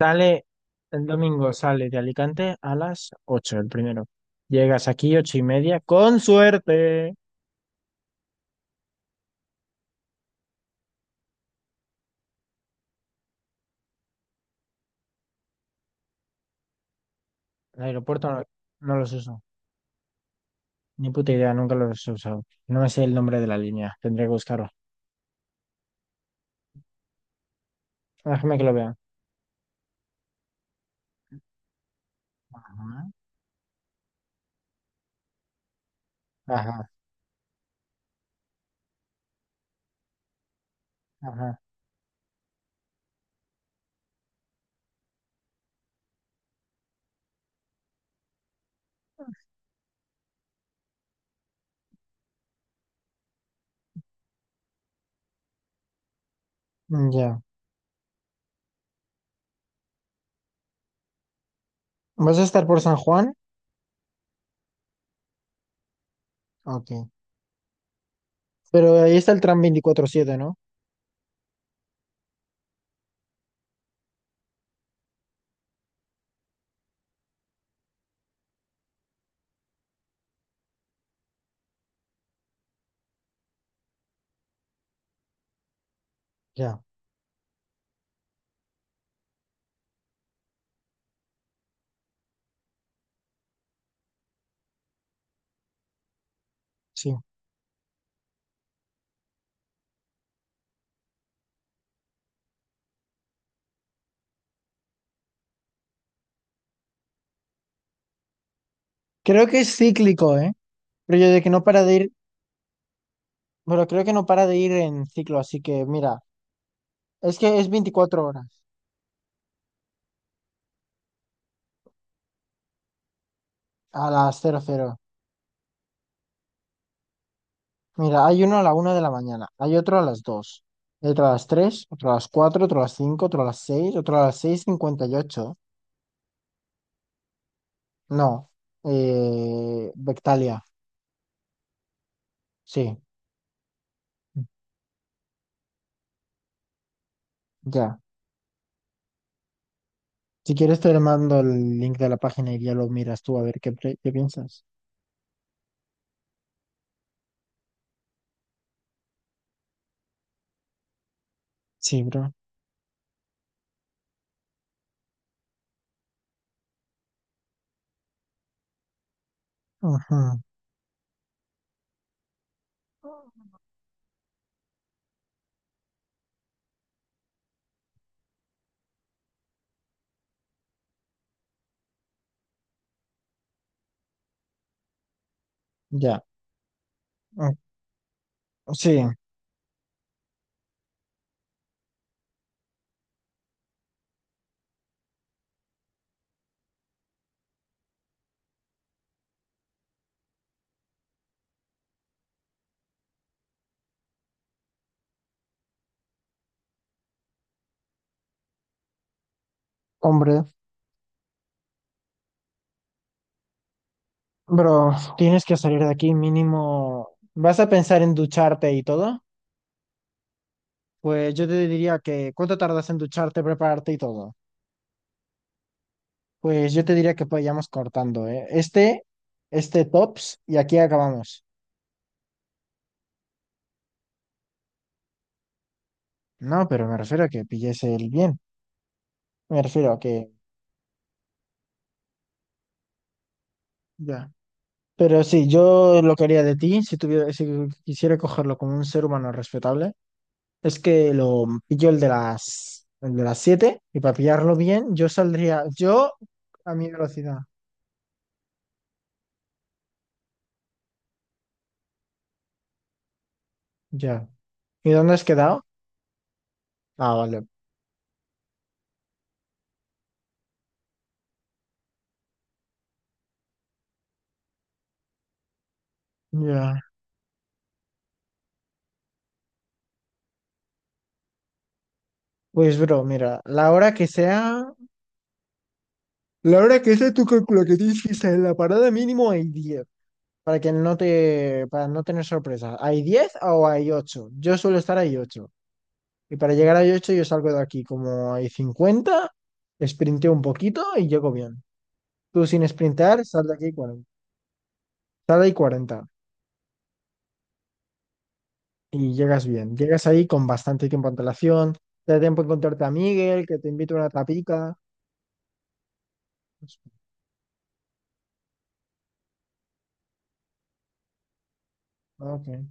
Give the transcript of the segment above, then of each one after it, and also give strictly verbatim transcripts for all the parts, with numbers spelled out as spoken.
Sale el domingo, sale de Alicante a las ocho el primero. Llegas aquí ocho y media, con suerte. El aeropuerto no, no los uso, ni puta idea, nunca los he usado. No me sé el nombre de la línea, tendré que buscarlo. Déjame que lo vea. Ajá, ajá, ajá. Ya. ¿Vas a estar por San Juan? Ok. Pero ahí está el tram veinticuatro siete, ¿no? Ya, sí. Creo que es cíclico, ¿eh? Pero yo de que no para de ir, pero creo que no para de ir en ciclo, así que mira, es que es veinticuatro horas. A las cero cero, mira, hay uno a la una de la mañana, hay otro a las dos, hay otro a las tres, otro a las cuatro, otro a las cinco, otro a las seis, otro a las seis cincuenta y ocho. No, eh, Bectalia, sí, ya. Si quieres te mando el link de la página y ya lo miras tú a ver qué, pre- qué piensas. Sí, bro. Ujú. Ya. Mm. Sí, hombre. Bro, tienes que salir de aquí mínimo. ¿Vas a pensar en ducharte y todo? Pues yo te diría que, ¿cuánto tardas en ducharte, prepararte y todo? Pues yo te diría que vayamos cortando, ¿eh? Este, este tops y aquí acabamos. No, pero me refiero a que pilles el bien. Me refiero a que, ya. Pero sí, yo lo que haría de ti, si tuviera, si quisiera cogerlo como un ser humano respetable, es que lo pillo el de las, el de las siete, y para pillarlo bien, yo saldría, yo a mi velocidad. Ya. ¿Y dónde has quedado? Ah, vale. Ya. Pues bro, mira, la hora que sea, la hora que sea, tú calcula que tienes que estar en la parada mínimo hay diez, para que no te, para no tener sorpresa. ¿Hay diez o hay ocho? Yo suelo estar ahí ocho. Y para llegar a ocho, yo salgo de aquí como hay cincuenta, sprinteo un poquito y llego bien. Tú sin sprintar, sal de aquí cuarenta, sal de ahí cuarenta y llegas bien. Llegas ahí con bastante tiempo de antelación, te da tiempo a encontrarte a Miguel, que te invita a una tapica. Pues, ok.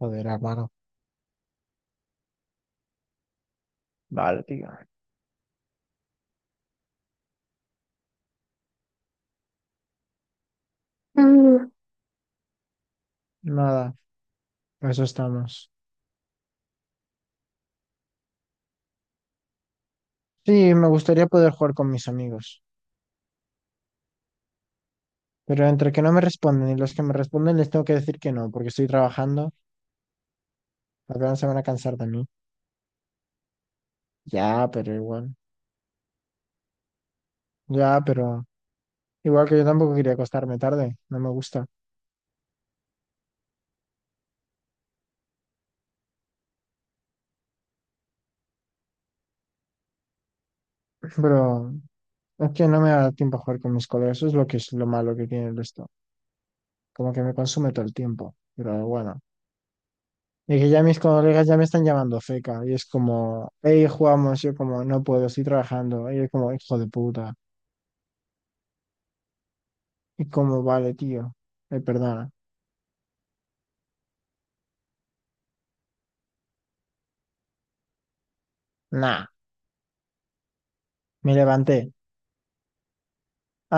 Joder, hermano. Vale, tío. Nada, a eso estamos. Sí, me gustaría poder jugar con mis amigos, pero entre que no me responden y los que me responden les tengo que decir que no, porque estoy trabajando, al final se van a cansar de mí. Ya, pero igual. Ya, pero igual que yo tampoco quería acostarme tarde, no me gusta. Pero es que no me da tiempo a jugar con mis colegas, eso es lo que es lo malo que tiene esto. Como que me consume todo el tiempo, pero bueno. Y que ya mis colegas ya me están llamando feca, y es como, hey, jugamos, yo como, no puedo, estoy trabajando, y es como, hijo de puta. Y como vale, tío. Eh, perdona. Nah, me levanté.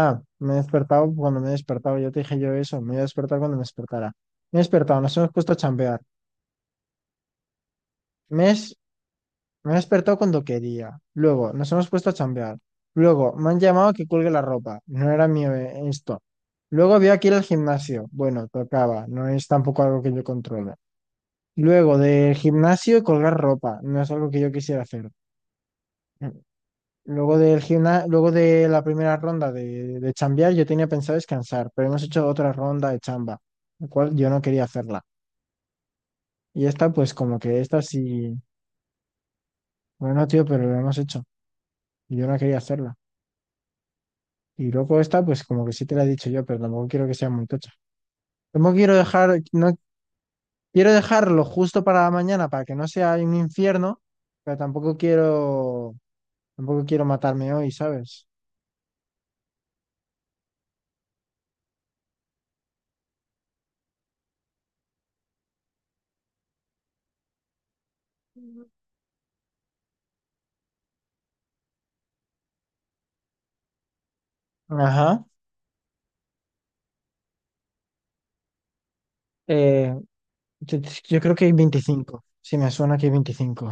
Ah, me he despertado cuando me he despertado. Ya te dije yo eso. Me he despertado cuando me despertara. Me he despertado, nos hemos puesto a chambear. Me, es- me he despertado cuando quería. Luego, nos hemos puesto a chambear. Luego, me han llamado a que cuelgue la ropa. No era mío, eh, esto. Luego había aquí ir al gimnasio. Bueno, tocaba. No es tampoco algo que yo controle. Luego, del gimnasio, colgar ropa. No es algo que yo quisiera hacer. Luego del gimna- luego de la primera ronda de, de chambear, yo tenía pensado descansar, pero hemos hecho otra ronda de chamba, la cual yo no quería hacerla. Y esta, pues como que esta sí, bueno, tío, pero lo hemos hecho y yo no quería hacerla. Y luego esta, pues como que sí te la he dicho yo, pero tampoco quiero que sea muy tocha. Tampoco quiero dejar, no quiero dejarlo justo para mañana para que no sea un infierno, pero tampoco quiero, tampoco quiero matarme hoy, ¿sabes? Ajá. Eh, Yo, yo creo que hay veinticinco. Si me suena que hay veinticinco.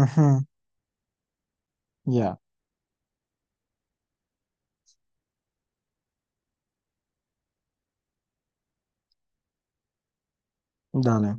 Ujú. Ya, dale.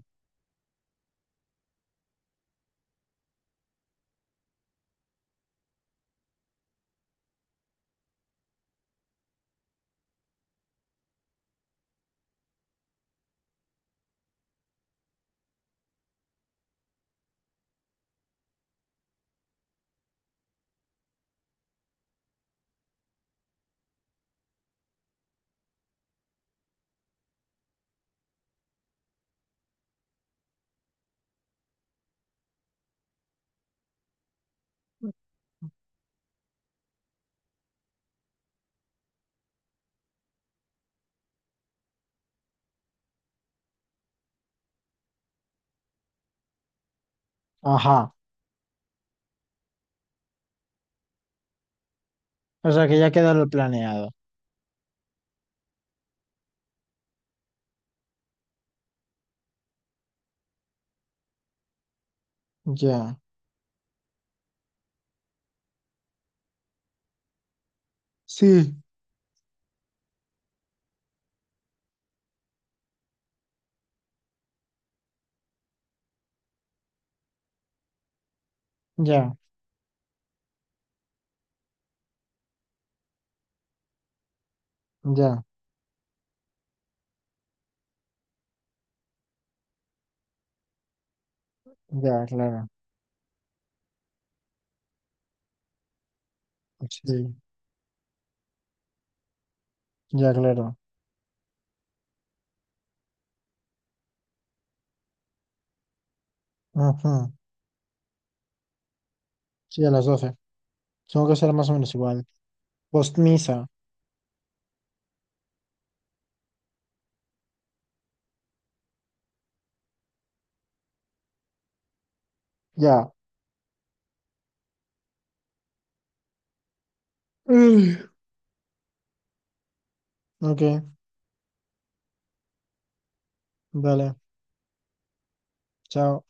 Ajá. O sea que ya queda lo planeado. Ya. Sí, ya, ya, ya, claro. Pues sí, ya, claro. Ujú. Sí, a las doce. Tengo que ser más o menos igual. Postmisa. Ya. Ugh. Ok, dale. Chao.